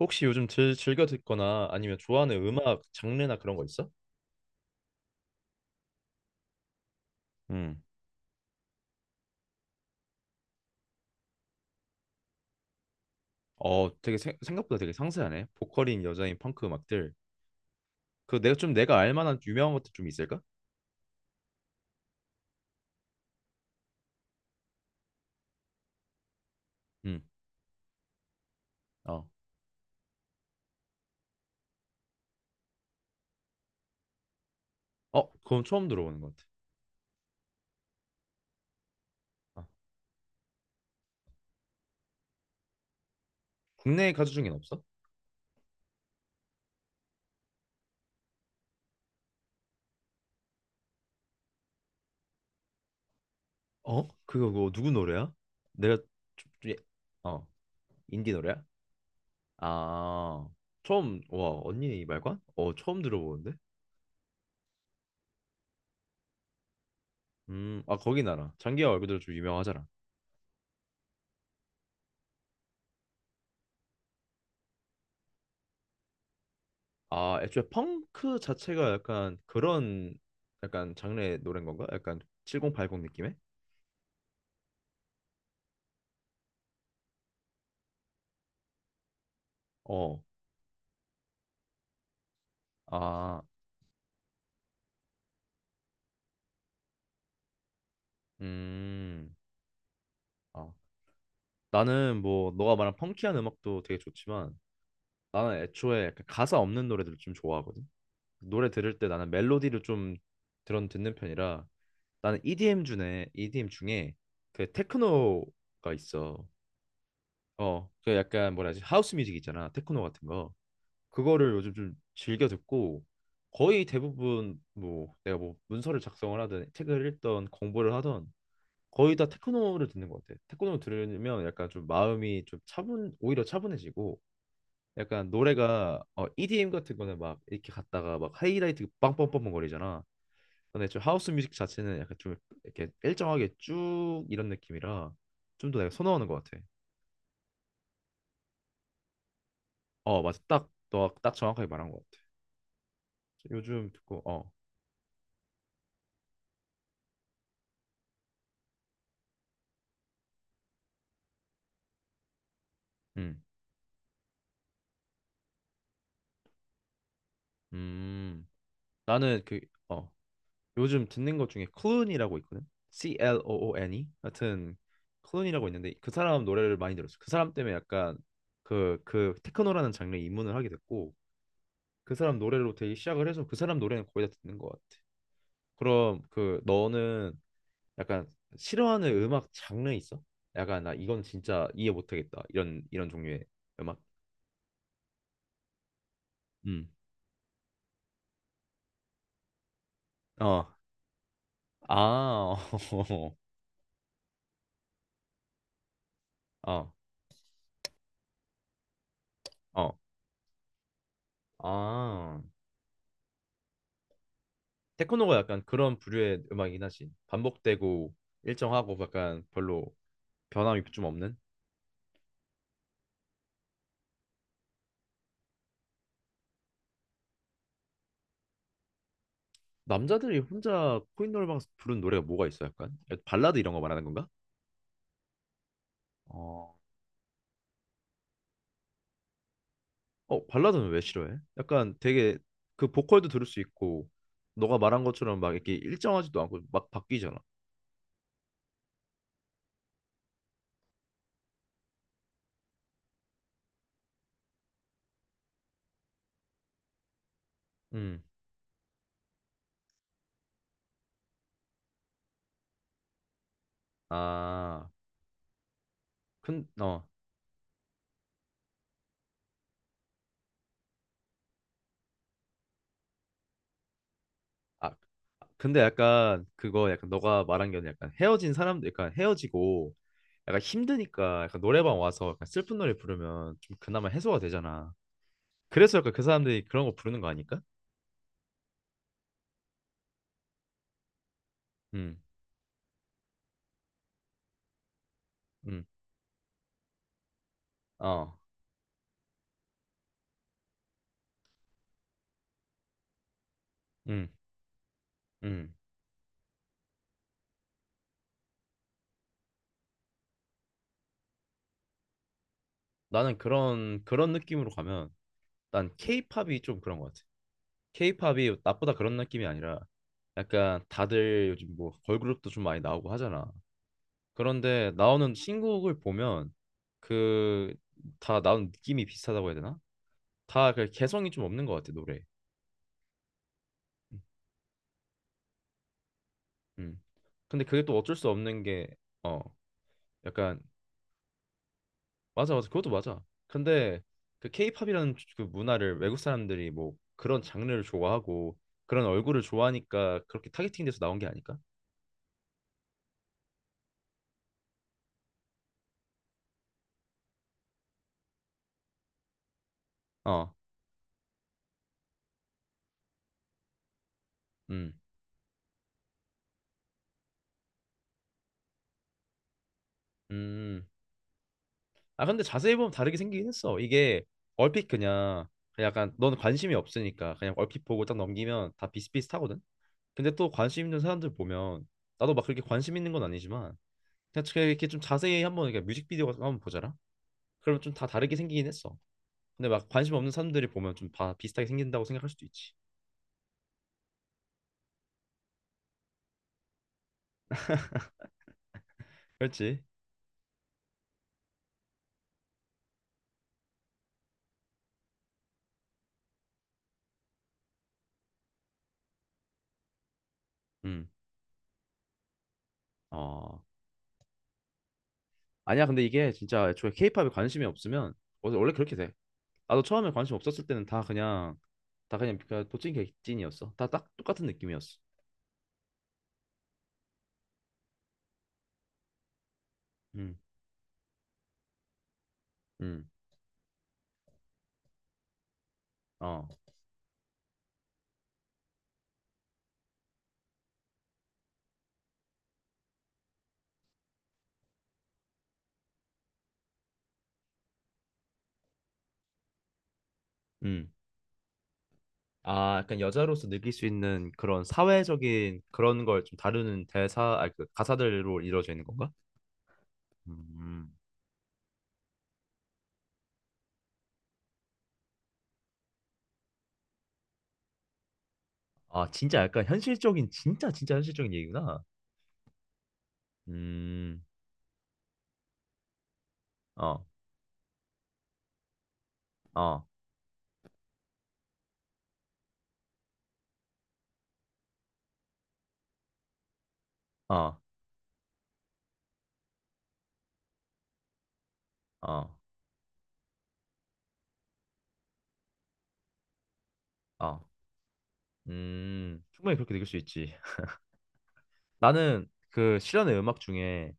혹시 요즘 즐겨 듣거나 아니면 좋아하는 음악 장르나 그런 거 있어? 음. 어, 되게 생각보다 되게 상세하네. 보컬인 여자인 펑크 음악들. 그 내가 알 만한 유명한 것들 좀 있을까? 음. 어. 어, 그건 처음 들어보는 것 같아. 어. 국내 가수 중엔 없어? 어? 그거 누구 노래야? 내가 좀, 좀 예- 어, 인디 노래야? 아. 처음 와, 언니 이 말관? 어, 처음 들어보는데. 음. 아, 거기 나라. 장기하 얼굴들 좀 유명하잖아. 아, 애초에 펑크 자체가 약간 그런 약간 장르의 노래인 건가? 약간 7080 느낌의? 어. 아, 음. 아, 나는 뭐 너가 말한 펑키한 음악도 되게 좋지만 나는 애초에 약간 가사 없는 노래들을 좀 좋아하거든. 노래 들을 때 나는 멜로디를 좀 들은 듣는 편이라 나는 EDM 중에 그 테크노가 있어. 어, 그 약간 뭐라 하지? 하우스 뮤직 있잖아. 테크노 같은 거. 그거를 요즘 좀 즐겨 듣고 거의 대부분 뭐 내가 뭐 문서를 작성을 하든 책을 읽던 공부를 하던 거의 다 테크노를 듣는 것 같아. 테크노를 들으면 약간 좀 마음이 좀 차분 오히려 차분해지고 약간 노래가 어, EDM 같은 거는 막 이렇게 갔다가 막 하이라이트 빵빵빵빵 거리잖아. 근데 좀 하우스 뮤직 자체는 약간 좀 이렇게 일정하게 쭉 이런 느낌이라 좀 더 내가 선호하는 것 같아. 어, 맞아. 딱 너 딱 정확하게 말한 것 같아. 요즘 듣고 어. 음. 음. 나는 그 어, 요즘 듣는 것 중에 클룬이라고 있거든. C L O O N 이 하여튼 클룬이라고 있는데 그 사람 노래를 많이 들었어. 그 사람 때문에 약간 그 테크노라는 장르에 입문을 하게 됐고 그 사람 노래로 되게 시작을 해서 그 사람 노래는 거의 다 듣는 것 같아. 그럼 그 너는 약간 싫어하는 음악 장르 있어? 약간 나 이건 진짜 이해 못하겠다 이런 종류의 음악. 음. 어. 아. 어. 어. 아. 테크노가 약간 그런 부류의 음악이긴 하지. 반복되고 일정하고 약간 별로 변함이 좀 없는. 남자들이 혼자 코인노래방에서 부른 노래가 뭐가 있어? 약간 발라드 이런 거 말하는 건가? 어, 어 발라드는 왜 싫어해? 약간 되게 그 보컬도 들을 수 있고 너가 말한 것처럼 막 이렇게 일정하지도 않고 막 바뀌잖아. 음, 아, 큰, 어, 아, 근데 약간 그거 약간 너가 말한 게 약간 헤어진 사람들 약간 헤어지고 약간 힘드니까 약간 노래방 와서 약간 슬픈 노래 부르면 좀 그나마 해소가 되잖아. 그래서 약간 그 사람들이 그런 거 부르는 거 아닐까? 음, 음, 어, 음, 음. 나는 그런 느낌으로 가면 난 케이팝이 좀 그런 것 같아. 케이팝이 나보다 그런 느낌이 아니라 약간 다들 요즘 뭐 걸그룹도 좀 많이 나오고 하잖아. 그런데 나오는 신곡을 보면 그 다 나오는 느낌이 비슷하다고 해야 되나? 다 그 개성이 좀 없는 것 같아 노래. 음. 음. 근데 그게 또 어쩔 수 없는 게 어 약간 맞아, 맞아, 그것도 맞아. 근데 그 케이팝이라는 그 문화를 외국 사람들이 뭐 그런 장르를 좋아하고 그런 얼굴을 좋아하니까 그렇게 타겟팅돼서 나온 게 아닐까? 어. 음. 음. 아 근데 자세히 보면 다르게 생기긴 했어. 이게 얼핏 그냥 약간 넌 관심이 없으니까 그냥 얼핏 보고 딱 넘기면 다 비슷비슷하거든. 근데 또 관심 있는 사람들 보면 나도 막 그렇게 관심 있는 건 아니지만 그냥 이렇게 좀 자세히 한번 이렇게 뮤직비디오 같은 거 한번 보자라. 그러면 좀 다 다르게 생기긴 했어. 근데 막 관심 없는 사람들이 보면 좀 다 비슷하게 생긴다고 생각할 수도 있지. 그렇지? 음. 어. 아니야 근데 이게 진짜 애초에 케이팝에 관심이 없으면 원래 그렇게 돼. 나도 처음에 관심 없었을 때는 다 그냥 다 그냥 도찐 객찐이었어. 다 딱 똑같은 느낌이었어. 음, 음, 어, 음. 아, 약간 여자로서 느낄 수 있는 그런 사회적인 그런 걸 좀 다루는 대사, 아, 그 가사들로 이루어져 있는 건가? 음. 아, 진짜 약간 현실적인, 진짜 진짜 현실적인 얘기구나. 음, 어, 어, 어, 어, 어. 충분히 그렇게 느낄 수 있지. 나는 그 실현의 음악 중에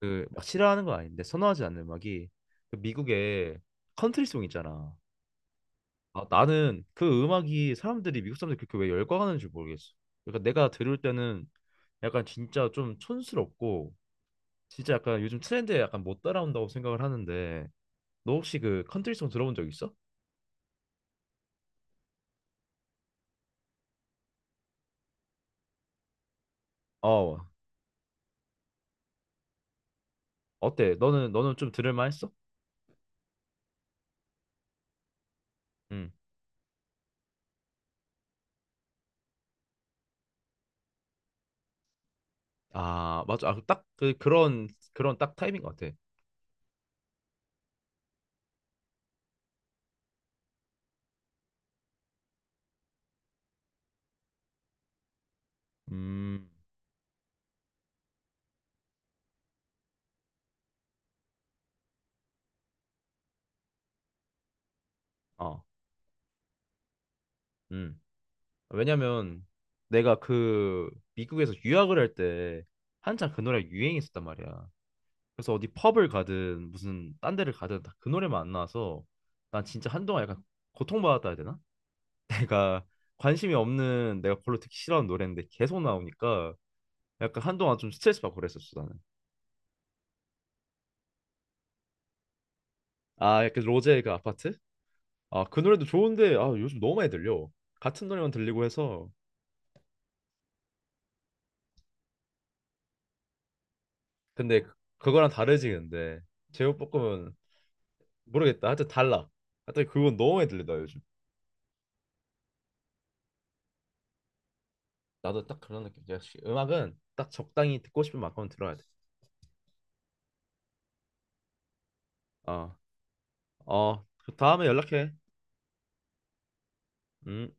그 막 싫어하는 건 아닌데 선호하지 않는 음악이 그 미국의 컨트리송 있잖아. 아, 나는 그 음악이 사람들이 미국 사람들이 그렇게 왜 열광하는지 모르겠어. 그러니까 내가 들을 때는 약간 진짜 좀 촌스럽고 진짜 약간 요즘 트렌드에 약간 못 따라온다고 생각을 하는데 너 혹시 그 컨트리송 들어본 적 있어? 어, 어때? 너는 좀 들을 만했어? 응. 아 맞아. 아, 딱 그런 그런 딱 타입인 것 같아. 음. 어. 음. 왜냐면 내가 그 미국에서 유학을 할 때 한창 그 노래가 유행했었단 말이야. 그래서 어디 펍을 가든 무슨 딴 데를 가든 다 그 노래만 안 나와서 난 진짜 한동안 약간 고통받았다 해야 되나? 내가 관심이 없는 내가 별로 듣기 싫어하는 노래인데 계속 나오니까 약간 한동안 좀 스트레스 받고 그랬었어 나는. 아 약간 로제의 그 아파트? 아 그 노래도 좋은데 아 요즘 너무 많이 들려. 같은 노래만 들리고 해서 근데 그거랑 다르지 근데 제육볶음은 모르겠다. 하여튼 달라. 하여튼 그건 너무 많이 들리다 요즘. 나도 딱 그런 느낌. 역시 음악은 딱 적당히 듣고 싶은 만큼 들어야 돼. 어, 어, 그 다음에 연락해. 음.